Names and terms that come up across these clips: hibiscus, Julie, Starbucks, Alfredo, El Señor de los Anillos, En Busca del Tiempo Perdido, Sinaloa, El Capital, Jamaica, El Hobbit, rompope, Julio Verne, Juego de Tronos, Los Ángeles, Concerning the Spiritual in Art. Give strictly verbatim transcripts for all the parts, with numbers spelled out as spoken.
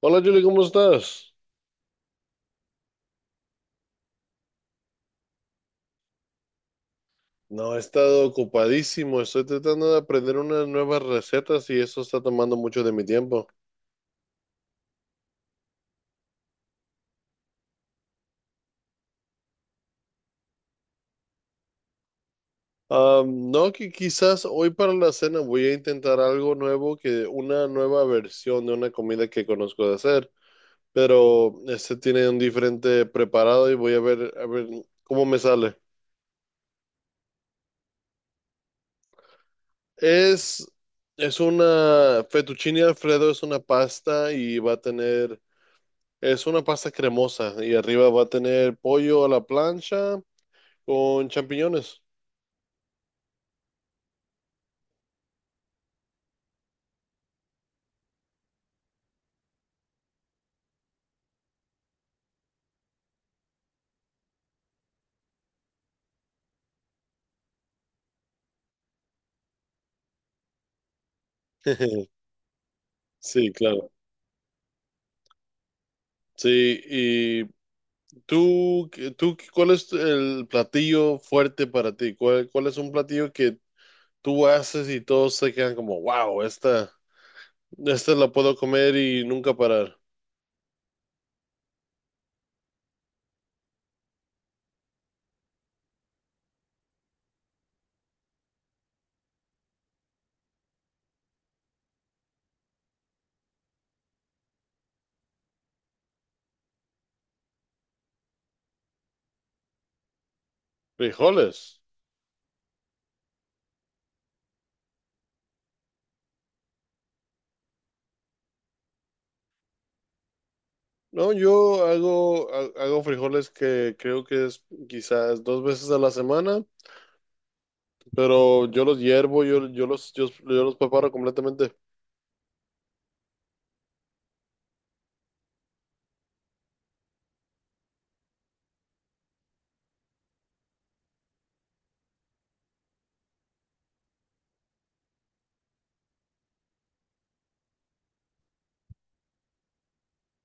Hola Julie, ¿cómo estás? No, he estado ocupadísimo, estoy tratando de aprender unas nuevas recetas y eso está tomando mucho de mi tiempo. Am, no, que quizás hoy para la cena voy a intentar algo nuevo, que una nueva versión de una comida que conozco de hacer, pero este tiene un diferente preparado y voy a ver, a ver cómo me sale. Es, es una fettuccine Alfredo, es una pasta y va a tener. Es una pasta cremosa y arriba va a tener pollo a la plancha con champiñones. Sí, claro. Sí, y tú, tú, ¿cuál es el platillo fuerte para ti? ¿Cuál, cuál es un platillo que tú haces y todos se quedan como, wow, esta, esta la puedo comer y nunca parar? Frijoles. No, yo hago, ha- hago frijoles que creo que es quizás dos veces a la semana. Pero yo los hiervo, yo, yo los, yo, yo los preparo completamente.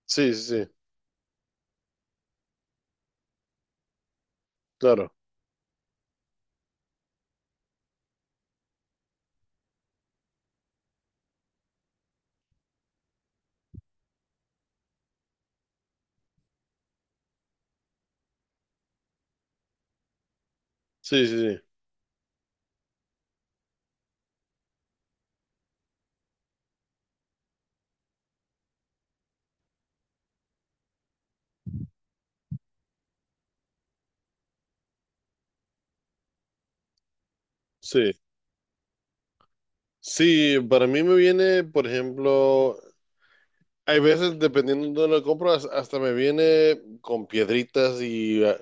Sí, sí, sí, claro. Sí, sí, sí. Sí. Sí, para mí me viene, por ejemplo, hay veces, dependiendo de dónde lo compro, has- hasta me viene con piedritas y ah,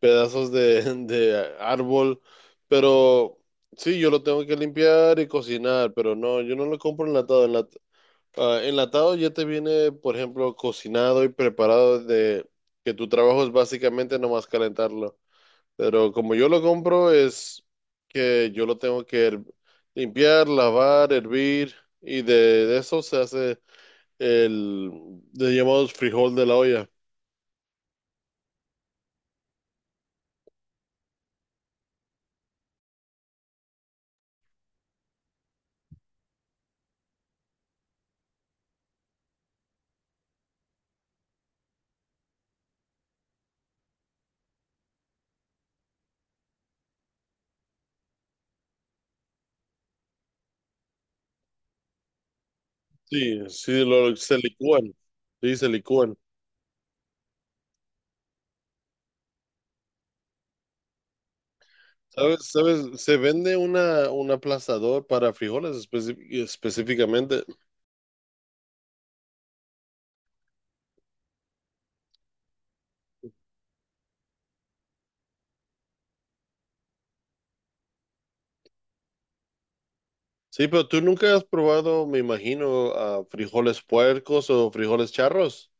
pedazos de, de árbol. Pero sí, yo lo tengo que limpiar y cocinar, pero no, yo no lo compro enlatado. Ah, enlatado ya te viene, por ejemplo, cocinado y preparado de que tu trabajo es básicamente nomás calentarlo. Pero como yo lo compro es que yo lo tengo que her- limpiar, lavar, hervir y de, de eso se hace el de llamados frijol de la olla. Sí, sí, lo, se licúan. Sí, se licúan. ¿Sabes? ¿Sabes? Se vende una, un aplastador para frijoles especi- específicamente. Sí, pero tú nunca has probado, me imagino, ah, frijoles puercos o frijoles charros.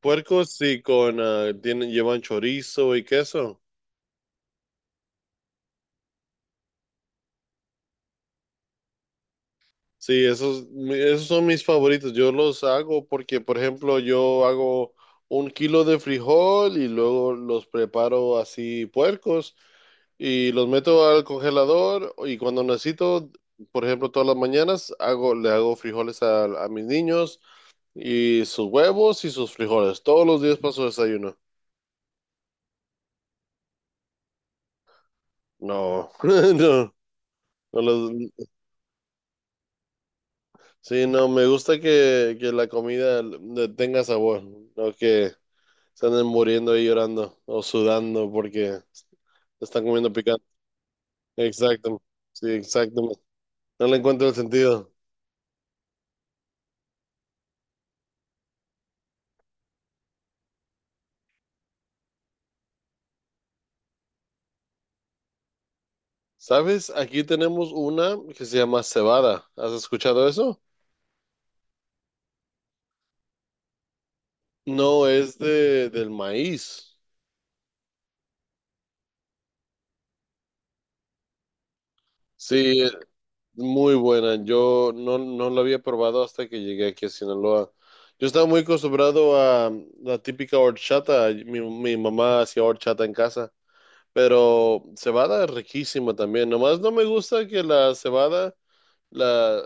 Puercos sí, con ah, tienen, llevan chorizo y queso. Sí, esos, mi- esos son mis favoritos. Yo los hago porque, por ejemplo, yo hago un kilo de frijol y luego los preparo así puercos y los meto al congelador y cuando necesito, por ejemplo, todas las mañanas hago, le hago frijoles a, a mis niños. Y sus huevos y sus frijoles. Todos los días paso desayuno. No, no, no los- sí, no, me gusta que, que la comida le tenga sabor, no que se anden muriendo y llorando o sudando porque están comiendo picante. Exacto, sí, exacto. No le encuentro el sentido. ¿Sabes? Aquí tenemos una que se llama cebada. ¿Has escuchado eso? No, es de, del maíz. Sí, muy buena. Yo no, No la había probado hasta que llegué aquí a Sinaloa. Yo estaba muy acostumbrado a la típica horchata. Mi, mi mamá hacía horchata en casa, pero cebada es riquísima también. Nomás no me gusta que la cebada, la,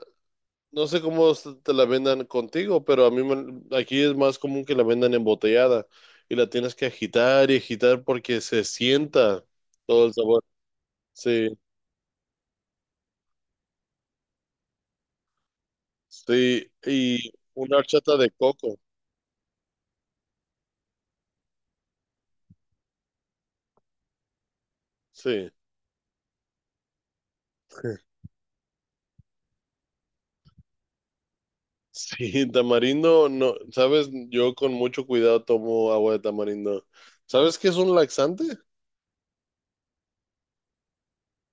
no sé cómo se- te la vendan contigo, pero a mí me- aquí es más común que la vendan embotellada y la tienes que agitar y agitar porque se sienta todo el sabor. Sí, sí. Y una horchata de coco. Sí. Sí, tamarindo, no, sabes, yo con mucho cuidado tomo agua de tamarindo. ¿Sabes qué es un laxante?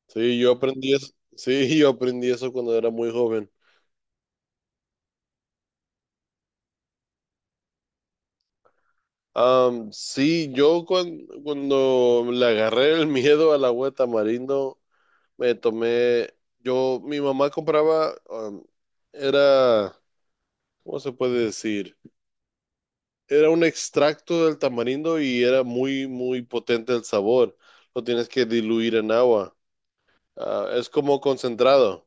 Sí, yo aprendí eso, sí, yo aprendí eso cuando era muy joven. Am, sí, yo cuan- cuando, le agarré el miedo al agua de tamarindo, me tomé, yo, mi mamá compraba, am, era, ¿cómo se puede decir? Era un extracto del tamarindo y era muy, muy potente el sabor. Lo tienes que diluir en agua. Ah, es como concentrado.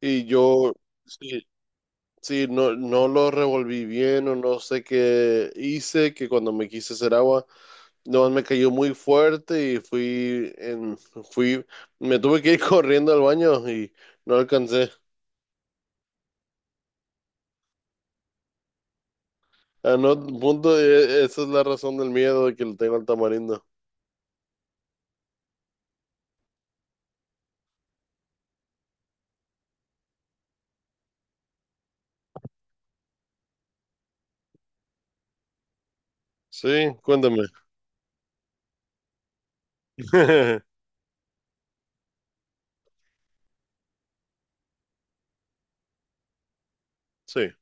Y yo, sí, sí, no, no lo revolví bien o no sé qué hice, que cuando me quise hacer agua, no, me cayó muy fuerte y fui en, fui, me tuve que ir corriendo al baño y no alcancé. A no, punto, e- esa es la razón del miedo de que le tengo al tamarindo. Sí, cuéntame. Sí,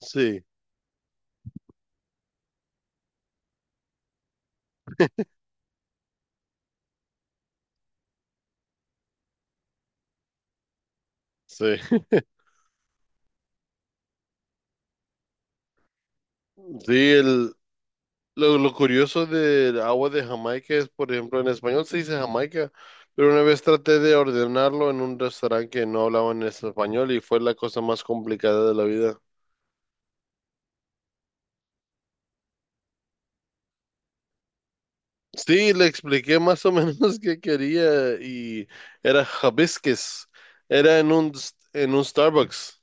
sí, sí. Sí, el, lo, lo curioso del agua de Jamaica es, por ejemplo, en español se dice Jamaica, pero una vez traté de ordenarlo en un restaurante que no hablaban español y fue la cosa más complicada de la vida. Sí, le expliqué más o menos qué quería y era hibiscus. Era en un, en un Starbucks.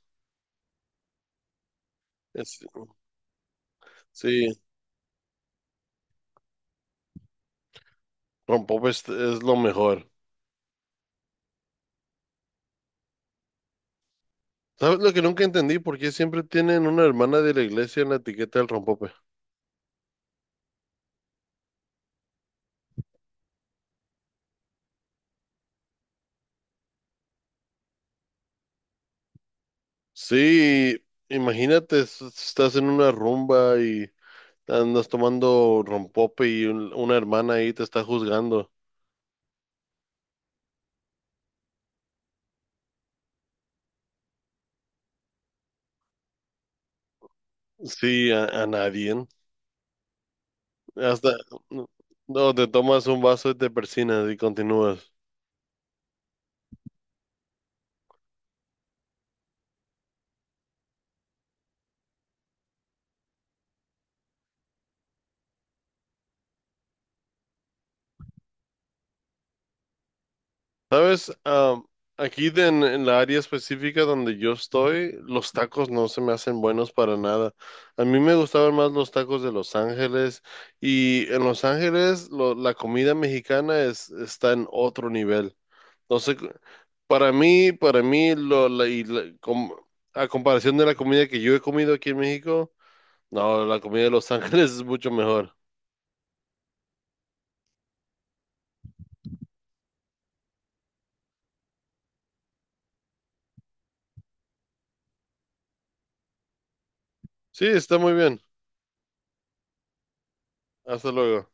Es- sí, con pop es, es lo mejor. ¿Sabes lo que nunca entendí? ¿Por qué siempre tienen una hermana de la iglesia en la etiqueta del rompope? Sí, imagínate, es- estás en una rumba y andas tomando rompope y un- una hermana ahí te está juzgando. Sí, a, a nadie. Hasta, no, no, te tomas un vaso y te persinas y continúas. ¿Sabes? Am, aquí de- en, en la área específica donde yo estoy, los tacos no se me hacen buenos para nada. A mí me gustaban más los tacos de Los Ángeles y en Los Ángeles lo- la comida mexicana es, está en otro nivel. Entonces, para mí, para mí, lo, la- y la- com- a comparación de la comida que yo he comido aquí en México, no, la comida de Los Ángeles es mucho mejor. Sí, está muy bien. Hasta luego.